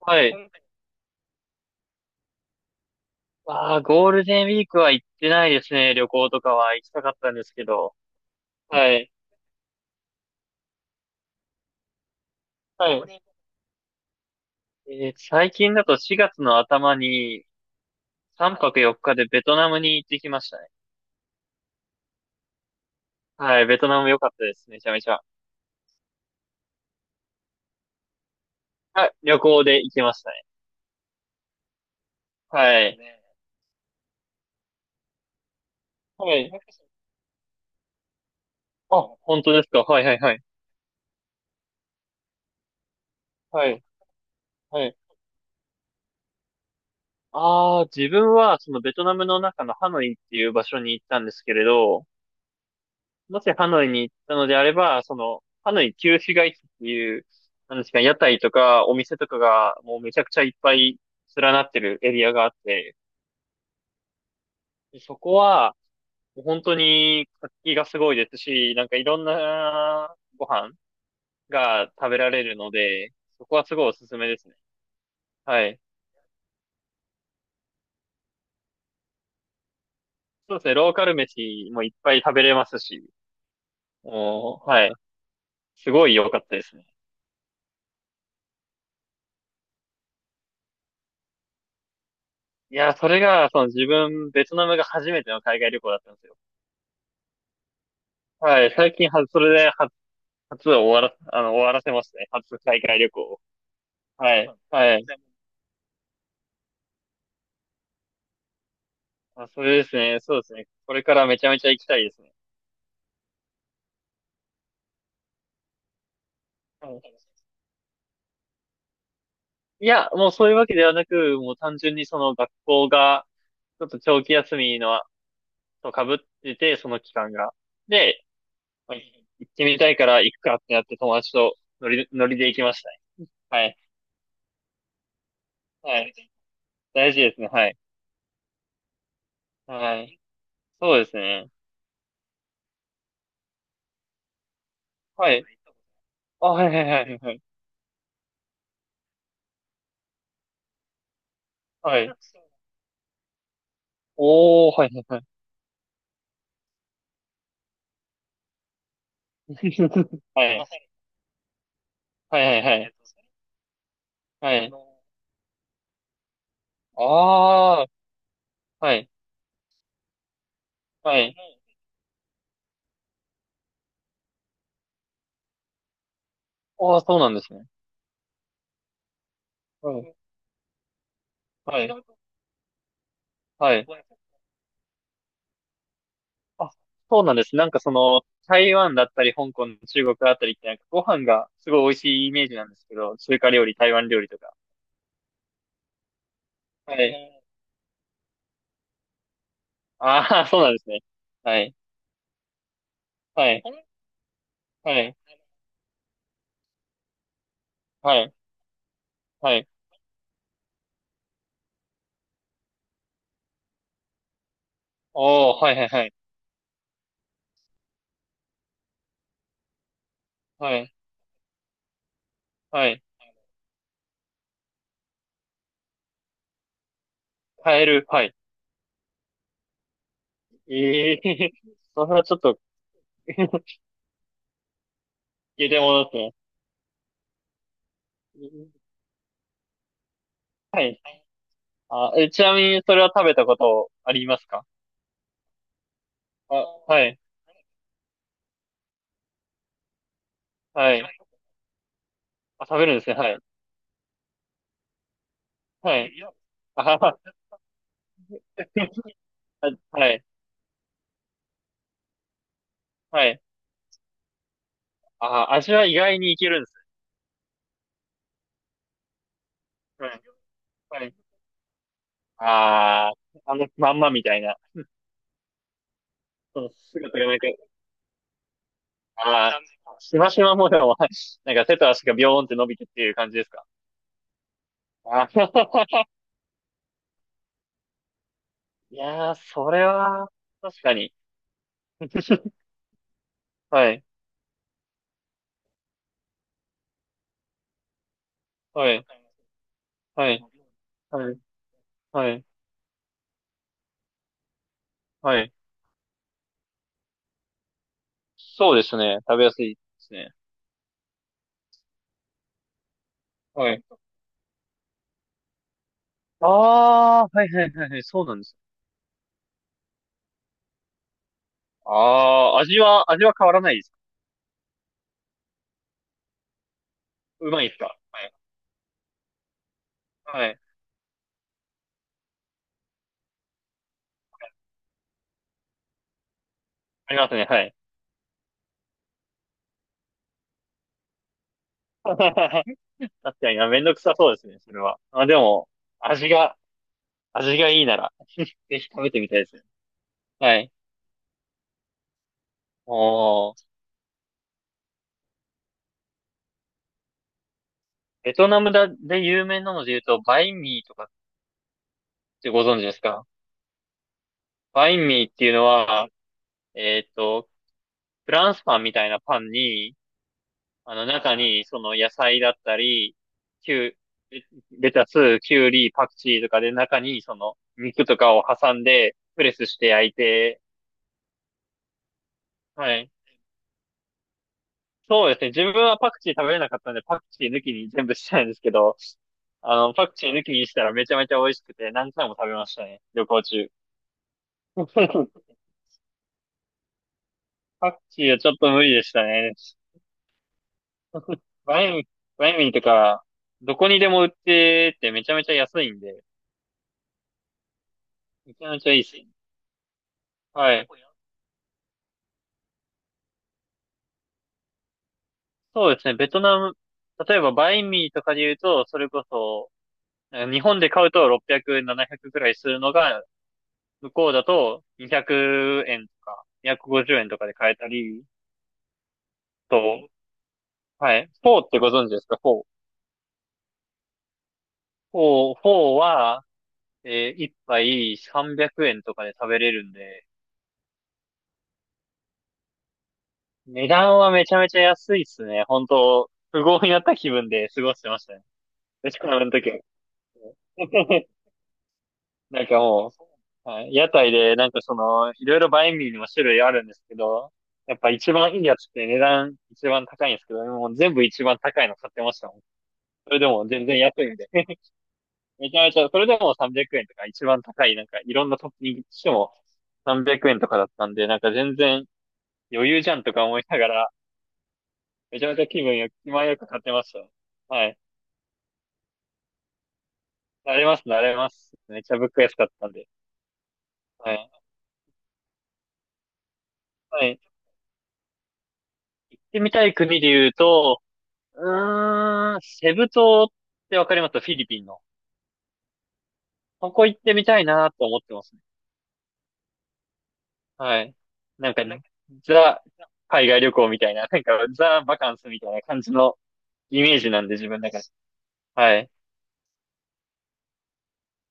はい。ああ、ゴールデンウィークは行ってないですね。旅行とかは行きたかったんですけど。はい。はい。最近だと4月の頭に3泊4日でベトナムに行ってきましたね。はい。ベトナム良かったですね。めちゃめちゃ。はい。旅行で行きましたね。はい。はい。あ、本当ですか。はいはいはい。はい。はい。ああ、自分はそのベトナムの中のハノイっていう場所に行ったんですけれど、もしハノイに行ったのであれば、ハノイ旧市街地っていう、なんですか、屋台とかお店とかがもうめちゃくちゃいっぱい連なってるエリアがあって、でそこは、もう本当に活気がすごいですし、なんかいろんなご飯が食べられるので、そこはすごいおすすめですね。はい。そうですね、ローカル飯もいっぱい食べれますし、もう、はい。すごい良かったですね。いや、それが、その自分、ベトナムが初めての海外旅行だったんですよ。はい、最近は、それで初、初を終わら、あの、終わらせましたね。初海外旅行を。はい、はい。あ、それですね。そうですね。これからめちゃめちゃ行きたいですね。はい。いや、もうそういうわけではなく、もう単純にその学校が、ちょっと長期休みの、と被ってて、その期間が。で、まあ行ってみたいから行くかってなって友達と乗りで行きましたね。はい。はい。大事ですね。はい。はい。そうですね。はい。あ、はいはいはいはい。はい。おー、はいはい。はすいまい。せんはいはいはい。はあい。のああ、はい。はい。ああ、そうなんですね。うん。は違い。うとはい。ごめんなさいあ、そうなんです。なんかその、台湾だったり、香港、中国あたりって、なんかご飯がすごい美味しいイメージなんですけど、中華料理、台湾料理とか。はい。ねああ、そうなんですね。はい。はい。これはい。はい。はい。おー、はいはいはい。はい。はい。カエル、はい。ええー それはちょっと いや、でもですね。はい。あ、え、ちなみにそれは食べたことありますか？あ、はい、はい。あ、食べるんですね、はい。はい。あはは、はい、はい。あ、味は意外にいけるんです。はい、はい。あー、まんまみたいな。その姿がなんか、あー、しましま模様 なんか手と足がビョーンって伸びてっていう感じですか？あははは いやー、それは、確かに。はい、はい、はい、はい、はい、はい。そうですね。食べやすいですね。はい。ああー、はいはいはいはい、そうなんです。ああ、味は変わらないですか？うまいですか？はい。はい。ありますね、はい。確かにな、あめんどくさそうですね、それは。あ、でも、味が、味がいいなら、ぜひ食べてみたいですね。はい。おー、ベトナムだ、で有名なので言うと、バインミーとかってご存知ですか？バインミーっていうのは、えっと、フランスパンみたいなパンに、あの中に、その野菜だったり、キュレレタス、キュウリ、パクチーとかで中に、その肉とかを挟んで、プレスして焼いて、はい。そうですね。自分はパクチー食べれなかったんで、パクチー抜きに全部したんですけど、パクチー抜きにしたらめちゃめちゃ美味しくて、何回も食べましたね。旅行中。パクチーはちょっと無理でしたね。バイン、バインミーとか、どこにでも売っててめちゃめちゃ安いんで、めちゃめちゃいいですよ。はい。そうですね。ベトナム、例えばバインミーとかで言うと、それこそ、なんか日本で買うと600、700くらいするのが、向こうだと200円とか、250円とかで買えたり、と、はい。フォーってご存知ですか？フォー。フォーは、1杯300円とかで食べれるんで、値段はめちゃめちゃ安いっすね。本当富豪になった気分で過ごしてましたね。飯食うの時は。なんかもう、はい屋台で、なんかその、いろいろバインミーにも種類あるんですけど、やっぱ一番いいやつって値段一番高いんですけど、もう全部一番高いの買ってましたもん。それでも全然安いんで。めちゃめちゃ、それでも300円とか一番高い、なんかいろんなトッピングしても300円とかだったんで、なんか全然余裕じゃんとか思いながら、めちゃめちゃ気前よく買ってました。はい。慣れます、慣れます。めっちゃ物価安かったんで。はい。はい。行ってみたい国で言うと、セブ島ってわかります？フィリピンの。ここ行ってみたいなと思ってますね。はい。なんか、ザ、海外旅行みたいな、なんか、ザ・バカンスみたいな感じのイメージなんで、自分の中で。はい。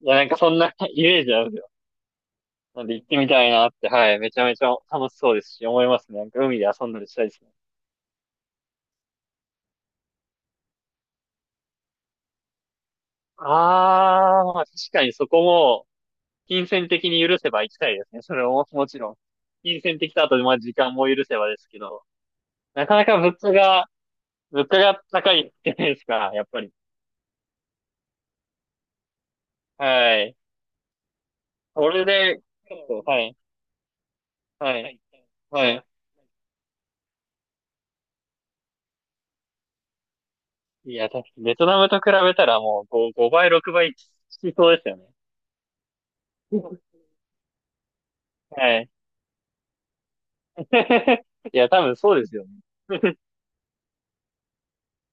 いや、なんかそんな イメージなんですよ。なんで行ってみたいなって、はい。めちゃめちゃ楽しそうですし、思いますね。なんか海で遊んだりしたいですね。あー、まあ確かにそこも、金銭的に許せば行きたいですね。それも、もちろん。金銭的とあと、まあ時間も許せばですけど。なかなか物価が高いじゃないですか、やっぱり。はい。それで、ちょっと、はい、はい、はい。いや、確かにベトナムと比べたらもう5、6倍しそうですよね。はい。いや、多分そうですよね。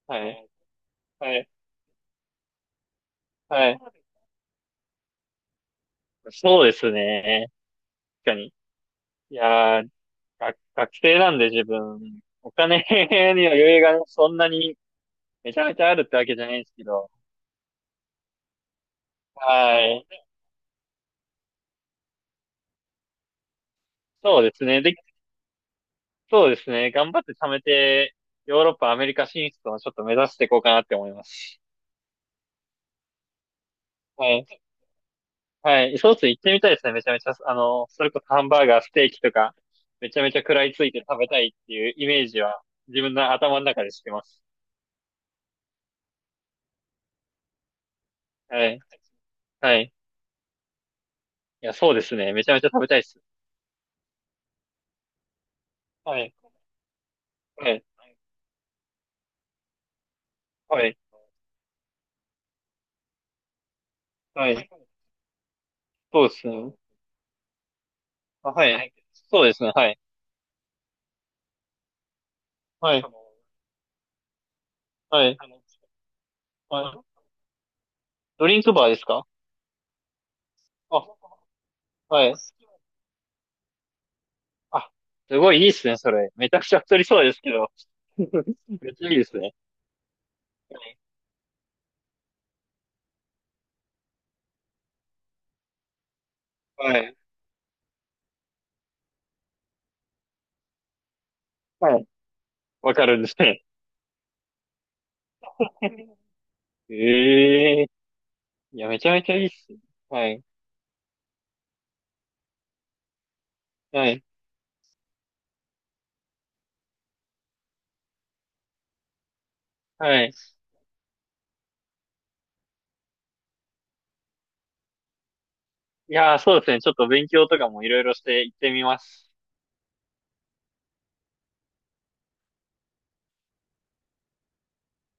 はい、はい、はい。そうですね。確かに。いやー、学生なんで自分、お金 には余裕がそんなにめちゃめちゃあるってわけじゃないんですけど。はい。そうですね。そうですね。頑張って貯めて、ヨーロッパ、アメリカ進出をちょっと目指していこうかなって思います。はい。はい。ソース行ってみたいですね。めちゃめちゃ、あの、それこそハンバーガー、ステーキとか、めちゃめちゃ食らいついて食べたいっていうイメージは、自分の頭の中でしてます。はい。はい。いや、そうですね。めちゃめちゃ食べたいです。はい。はい。はい。はい。そうですね。あ、はい。そうですね。はい。はい。はい。はい。ドリンクバーですか？あ、はい。あ、すごいいいっすね、それ。めちゃくちゃ太りそうですけど。めっちゃいいですね。はい。はい。わかるんですね。ええーいや、めちゃめちゃいいっすね。はい。はい。はい。いやー、そうですね。ちょっと勉強とかもいろいろして行ってみます。